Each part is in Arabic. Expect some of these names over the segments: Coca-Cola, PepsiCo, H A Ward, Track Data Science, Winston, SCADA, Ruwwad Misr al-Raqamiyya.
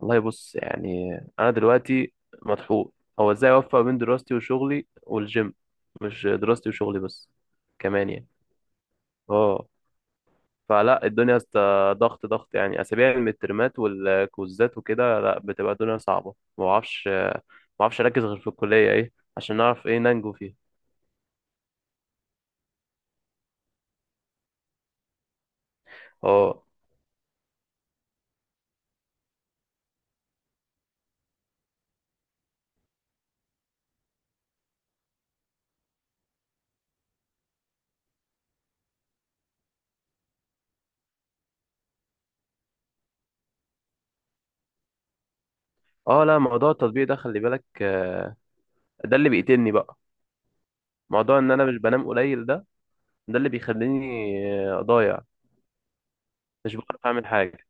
والله بص انا دلوقتي مطحون. هو ازاي اوفق بين دراستي وشغلي والجيم؟ مش دراستي وشغلي بس، كمان اه. فلا الدنيا ضغط يعني اسابيع المترمات والكوزات وكده. لا، بتبقى الدنيا صعبه، ما بعرفش اركز غير في الكليه، ايه عشان نعرف ايه ننجو فيها. اه. اه لا، موضوع التطبيق ده خلي بالك آه، ده اللي بيقتلني بقى. موضوع ان انا مش بنام قليل ده، ده اللي بيخليني آه، ضايع. مش بعرف اعمل حاجه.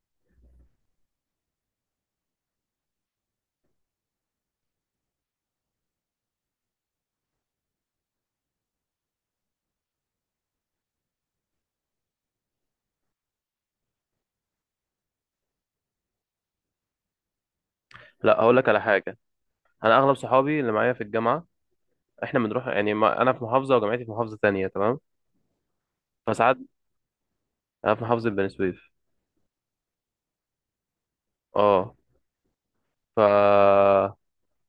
لا، هقول لك على حاجه. انا اغلب صحابي اللي معايا في الجامعه، احنا بنروح ما انا في محافظه وجامعتي في محافظه تانية، تمام؟ فساعات انا في محافظه بني سويف. اه. ف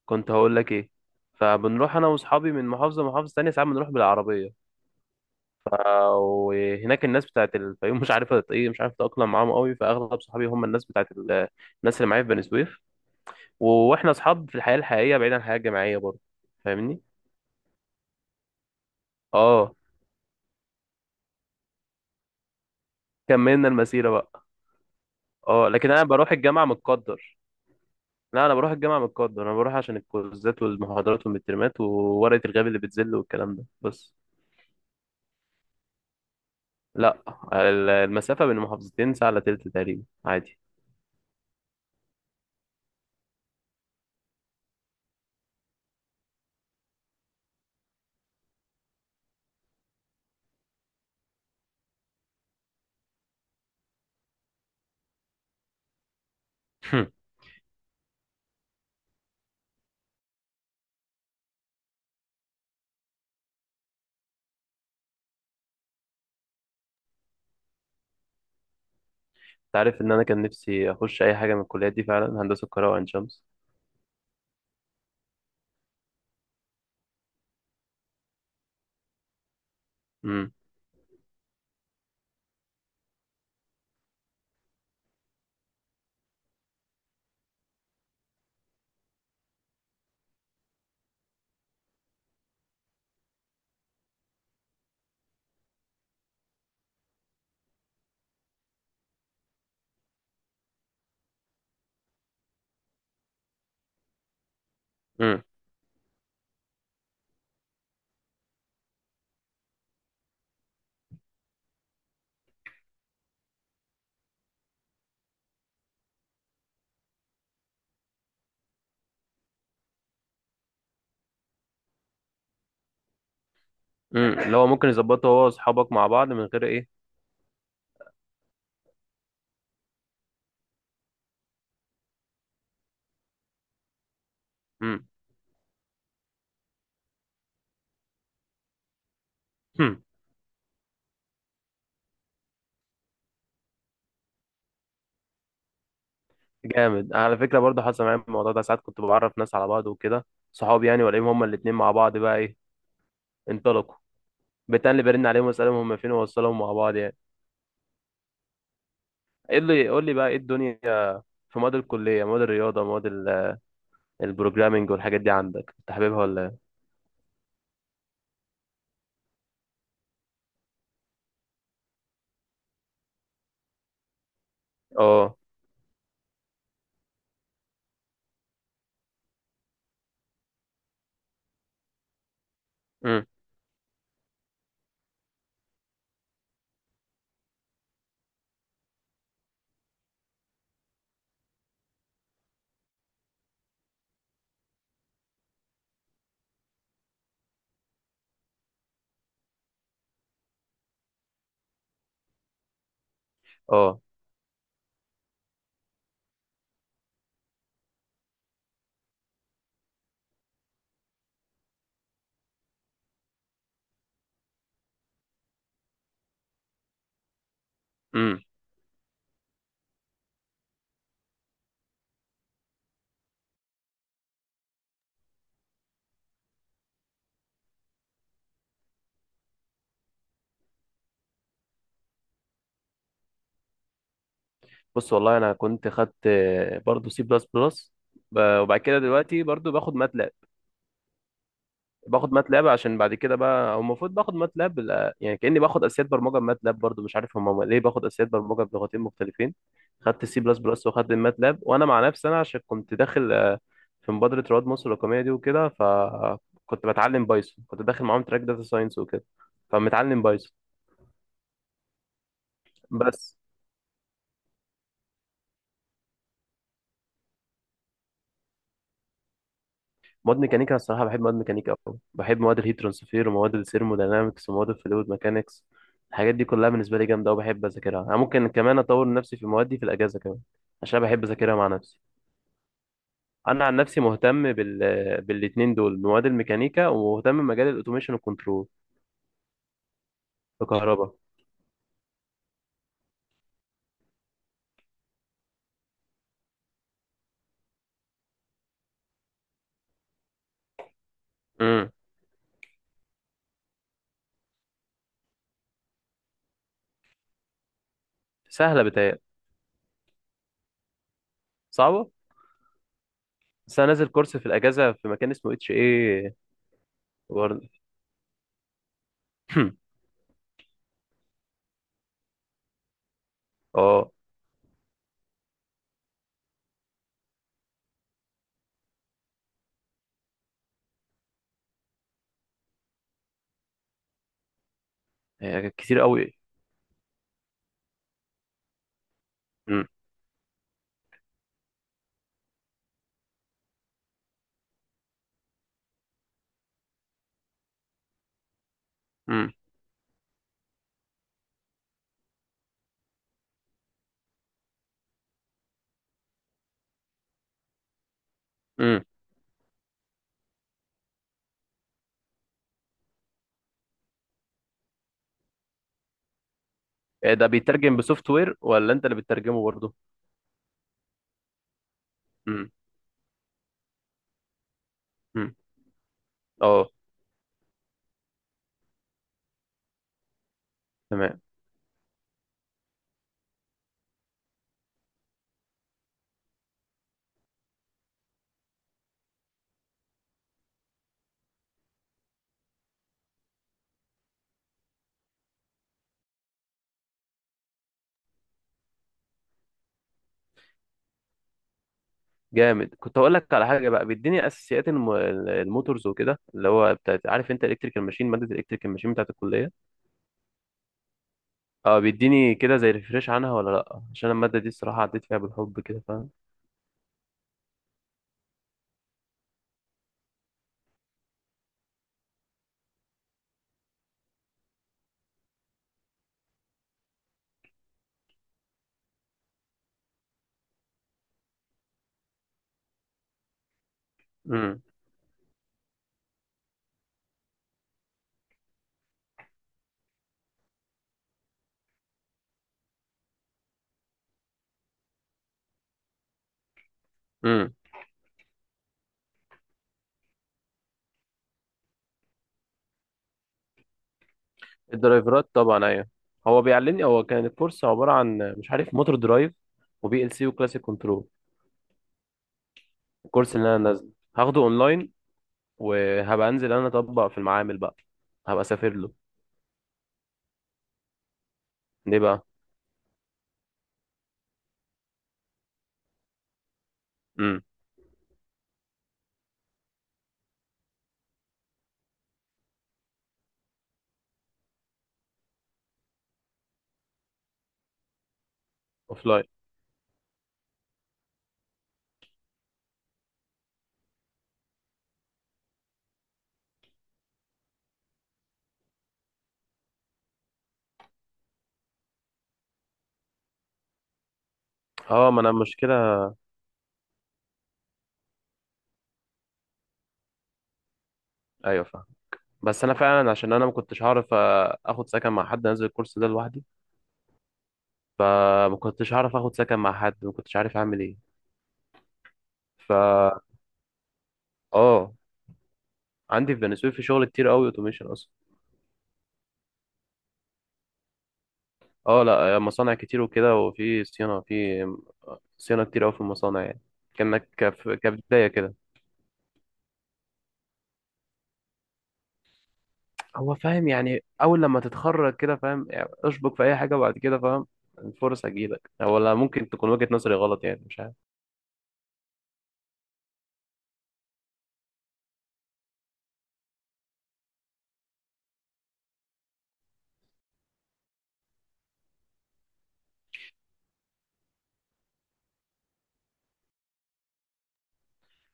كنت هقول لك ايه؟ فبنروح انا واصحابي من محافظه لمحافظه تانية، ساعات بنروح بالعربيه. آه، وهناك الناس بتاعت الفيوم مش عارفه ايه، مش عارف اتاقلم معاهم قوي، فاغلب صحابي هم الناس بتاعت ال... الناس اللي معايا في بني سويف. واحنا اصحاب في الحياه الحقيقيه، بعيد عن الحياه الجامعيه برضه، فاهمني؟ اه، كملنا المسيره بقى. اه لكن انا بروح الجامعه متقدر. لا انا بروح الجامعه متقدر، انا بروح عشان الكوزات والمحاضرات والمترمات وورقه الغياب اللي بتزل والكلام ده بس. لا، ال- المسافه بين محافظتين ساعه الا تلت تقريبا، عادي. انت عارف ان انا كان نفسي اخش اي حاجه من الكليات دي فعلا، هندسه القاهره وعين شمس. امم. امم. امم، اللي هو ممكن يظبطه هو واصحابك مع بعض من غير ايه. امم. جامد على فكره، برضه حصل معايا الموضوع ده. ساعات كنت بعرف ناس على بعض وكده، صحابي يعني، والاقيهم هما الاتنين مع بعض بقى ايه، انطلقوا. بتقل برن عليهم واسالهم هما فين واوصلهم مع بعض يعني. قول لي، قول لي بقى ايه الدنيا في مواد الكليه، مواد الرياضه، مواد البروجرامينج والحاجات دي، عندك كنت حاببها ولا إيه؟ اه. امم. اه. امم. بص والله انا كنت خدت برضو سي بلس بلس. وبعد كده دلوقتي برضو باخد ماتلاب. باخد ماتلاب عشان بعد كده بقى، او المفروض باخد ماتلاب. يعني كاني باخد اساسيات برمجه بماتلاب برضو، مش عارف هم ليه باخد اساسيات برمجه بلغتين مختلفين. خدت سي بلس بلس وخدت الماتلاب، وانا مع نفسي انا عشان كنت داخل آه، في مبادره رواد مصر الرقميه دي وكده، فكنت بتعلم بايثون، كنت داخل معاهم تراك داتا ساينس وكده، فمتعلم بايثون. بس مواد ميكانيكا الصراحة بحب مواد ميكانيكا أوي، بحب مواد الهيت ترانسفير ومواد الثيرموداينامكس ومواد الفلويد ميكانكس. الحاجات دي كلها بالنسبة لي جامدة وبحب أذاكرها، أنا ممكن كمان أطور نفسي في المواد دي في الأجازة كمان، عشان بحب أذاكرها مع نفسي. أنا عن نفسي مهتم بال... بالاتنين دول، مواد الميكانيكا، ومهتم بمجال الأوتوميشن والكنترول الكهرباء. امم. سهلة بتهيألي. صعبة. بس أنا نازل كورس في الأجازة في مكان اسمه اتش ايه ورد. اه. هي كتير أوي. امم. امم. إيه ده، بيترجم بسوفت وير ولا انت اللي بتترجمه برضه؟ امم. امم. اه. تمام. جامد. كنت هقول لك على حاجه بقى، بيديني اساسيات الموتورز وكده اللي هو بتاعت، عارف انت الكتريكال ماشين، ماده الكتريكال ماشين بتاعت الكليه؟ اه، بيديني كده زي ريفريش عنها ولا لا؟ عشان الماده دي الصراحه عديت فيها بالحب كده، فاهم؟ امم. امم. الدرايفرات طبعا ايوه. هو بيعلمني، هو كان الكورس عباره عن مش عارف موتور درايف وبي ال سي وكلاسيك كنترول. الكورس اللي انا نازله هاخده اونلاين، وهبقى انزل انا اطبق في المعامل بقى. هبقى اسافر له. ليه بقى؟ امم. اوف لاين. اه، ما انا المشكله، ايوه فاهم، بس انا فعلا عشان انا ما كنتش هعرف آه، اخد سكن مع حد انزل الكورس ده لوحدي. فما كنتش هعرف اخد سكن مع حد، ما كنتش عارف اعمل ايه. فا اه. عندي في بني سويف في شغل كتير قوي اوتوميشن اصلا. اه لا آه، مصانع كتير وكده، وفي صيانه، في صيانه كتير قوي في المصانع يعني. كانك كبدايه كده، هو فاهم يعني، اول لما تتخرج كده فاهم يعني، اشبك في اي حاجه بعد كده فاهم، الفرصه تجيلك، ولا ممكن تكون وجهه نظري غلط يعني، مش عارف.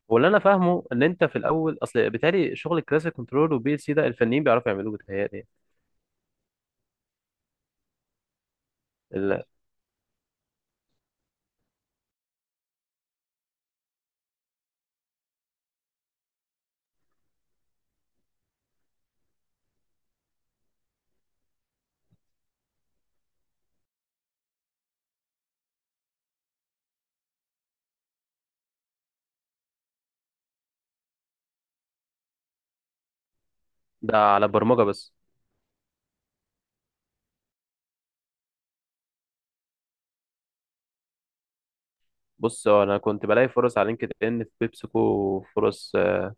واللي انا فاهمه ان انت في الاول اصل بالتالي شغل الكلاسيك كنترول والبي ال سي ده الفنيين بيعرفوا يعملوه بتهيألي يعني. ال-. ده على برمجه بس. بص هو انا كنت بلاقي فرص على لينكد ان في بيبسيكو، وفرص آه،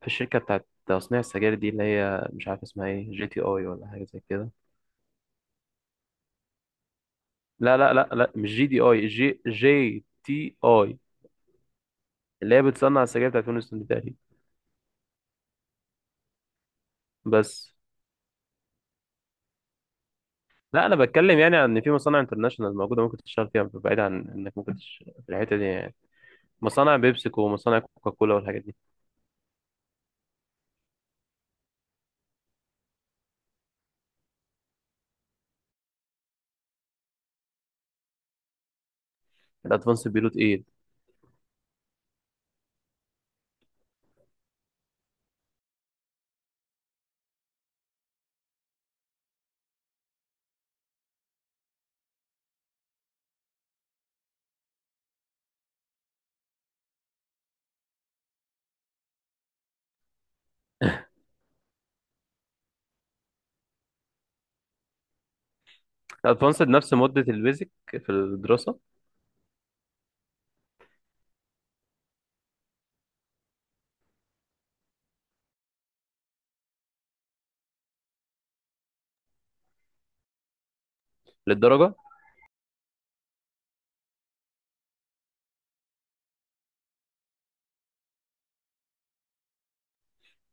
في الشركه بتاعت تصنيع السجاير دي، اللي هي مش عارف اسمها ايه، جي تي اي ولا حاجه زي كده. لا مش جي دي اي، جي جي تي اي، اللي هي بتصنع السجاير بتاعت وينستون دي تقريبا. بس لا انا بتكلم يعني عن ان في مصانع انترناشونال موجوده ممكن تشتغل فيها، بعيد عن انك ممكن تش... في الحته دي يعني. مصانع بيبسيكو ومصانع كوكاكولا والحاجات دي. الادفانسد بيقولوا تقيل. الادفانسد نفس مده البيزك في الدراسه؟ للدرجه؟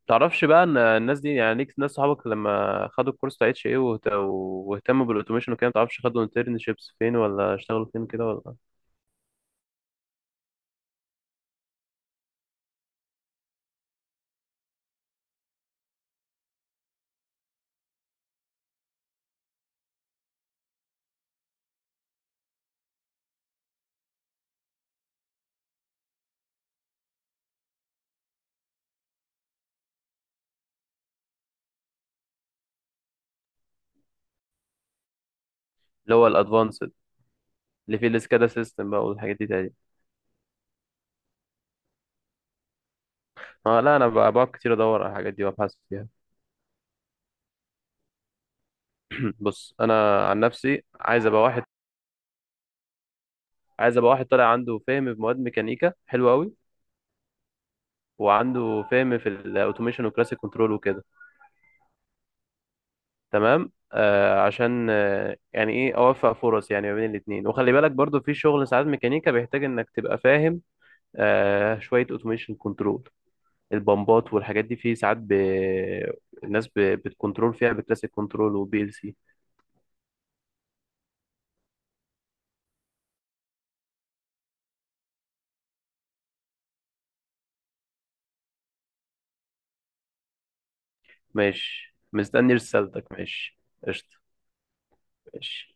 تعرفش بقى ان الناس دي يعني، ليك ناس صحابك لما خدوا الكورس بتاع اتش ايه واهتموا بالاوتوميشن وكده، ما تعرفش خدوا انترنشيبس فين، ولا اشتغلوا فين كده ولا؟ اللي هو الادفانسد اللي فيه السكادا سيستم بقى والحاجات دي تاني. اه لا انا بقى بقعد كتير ادور على الحاجات دي وابحث فيها. بص انا عن نفسي عايز ابقى واحد، عايز ابقى واحد طالع عنده فهم في مواد ميكانيكا حلو قوي، وعنده فهم في الاوتوميشن وكلاسيك كنترول وكده. تمام آه، عشان آه يعني ايه، اوفق فرص يعني ما بين الاثنين. وخلي بالك برضو في شغل ساعات ميكانيكا بيحتاج انك تبقى فاهم آه شويه اوتوميشن كنترول، البمبات والحاجات دي في ساعات ب... الناس ب... بتكنترول فيها بكلاسيك كنترول وبي ال سي. ماشي، مستني رسالتك، ماشي. قشطه. ماشي.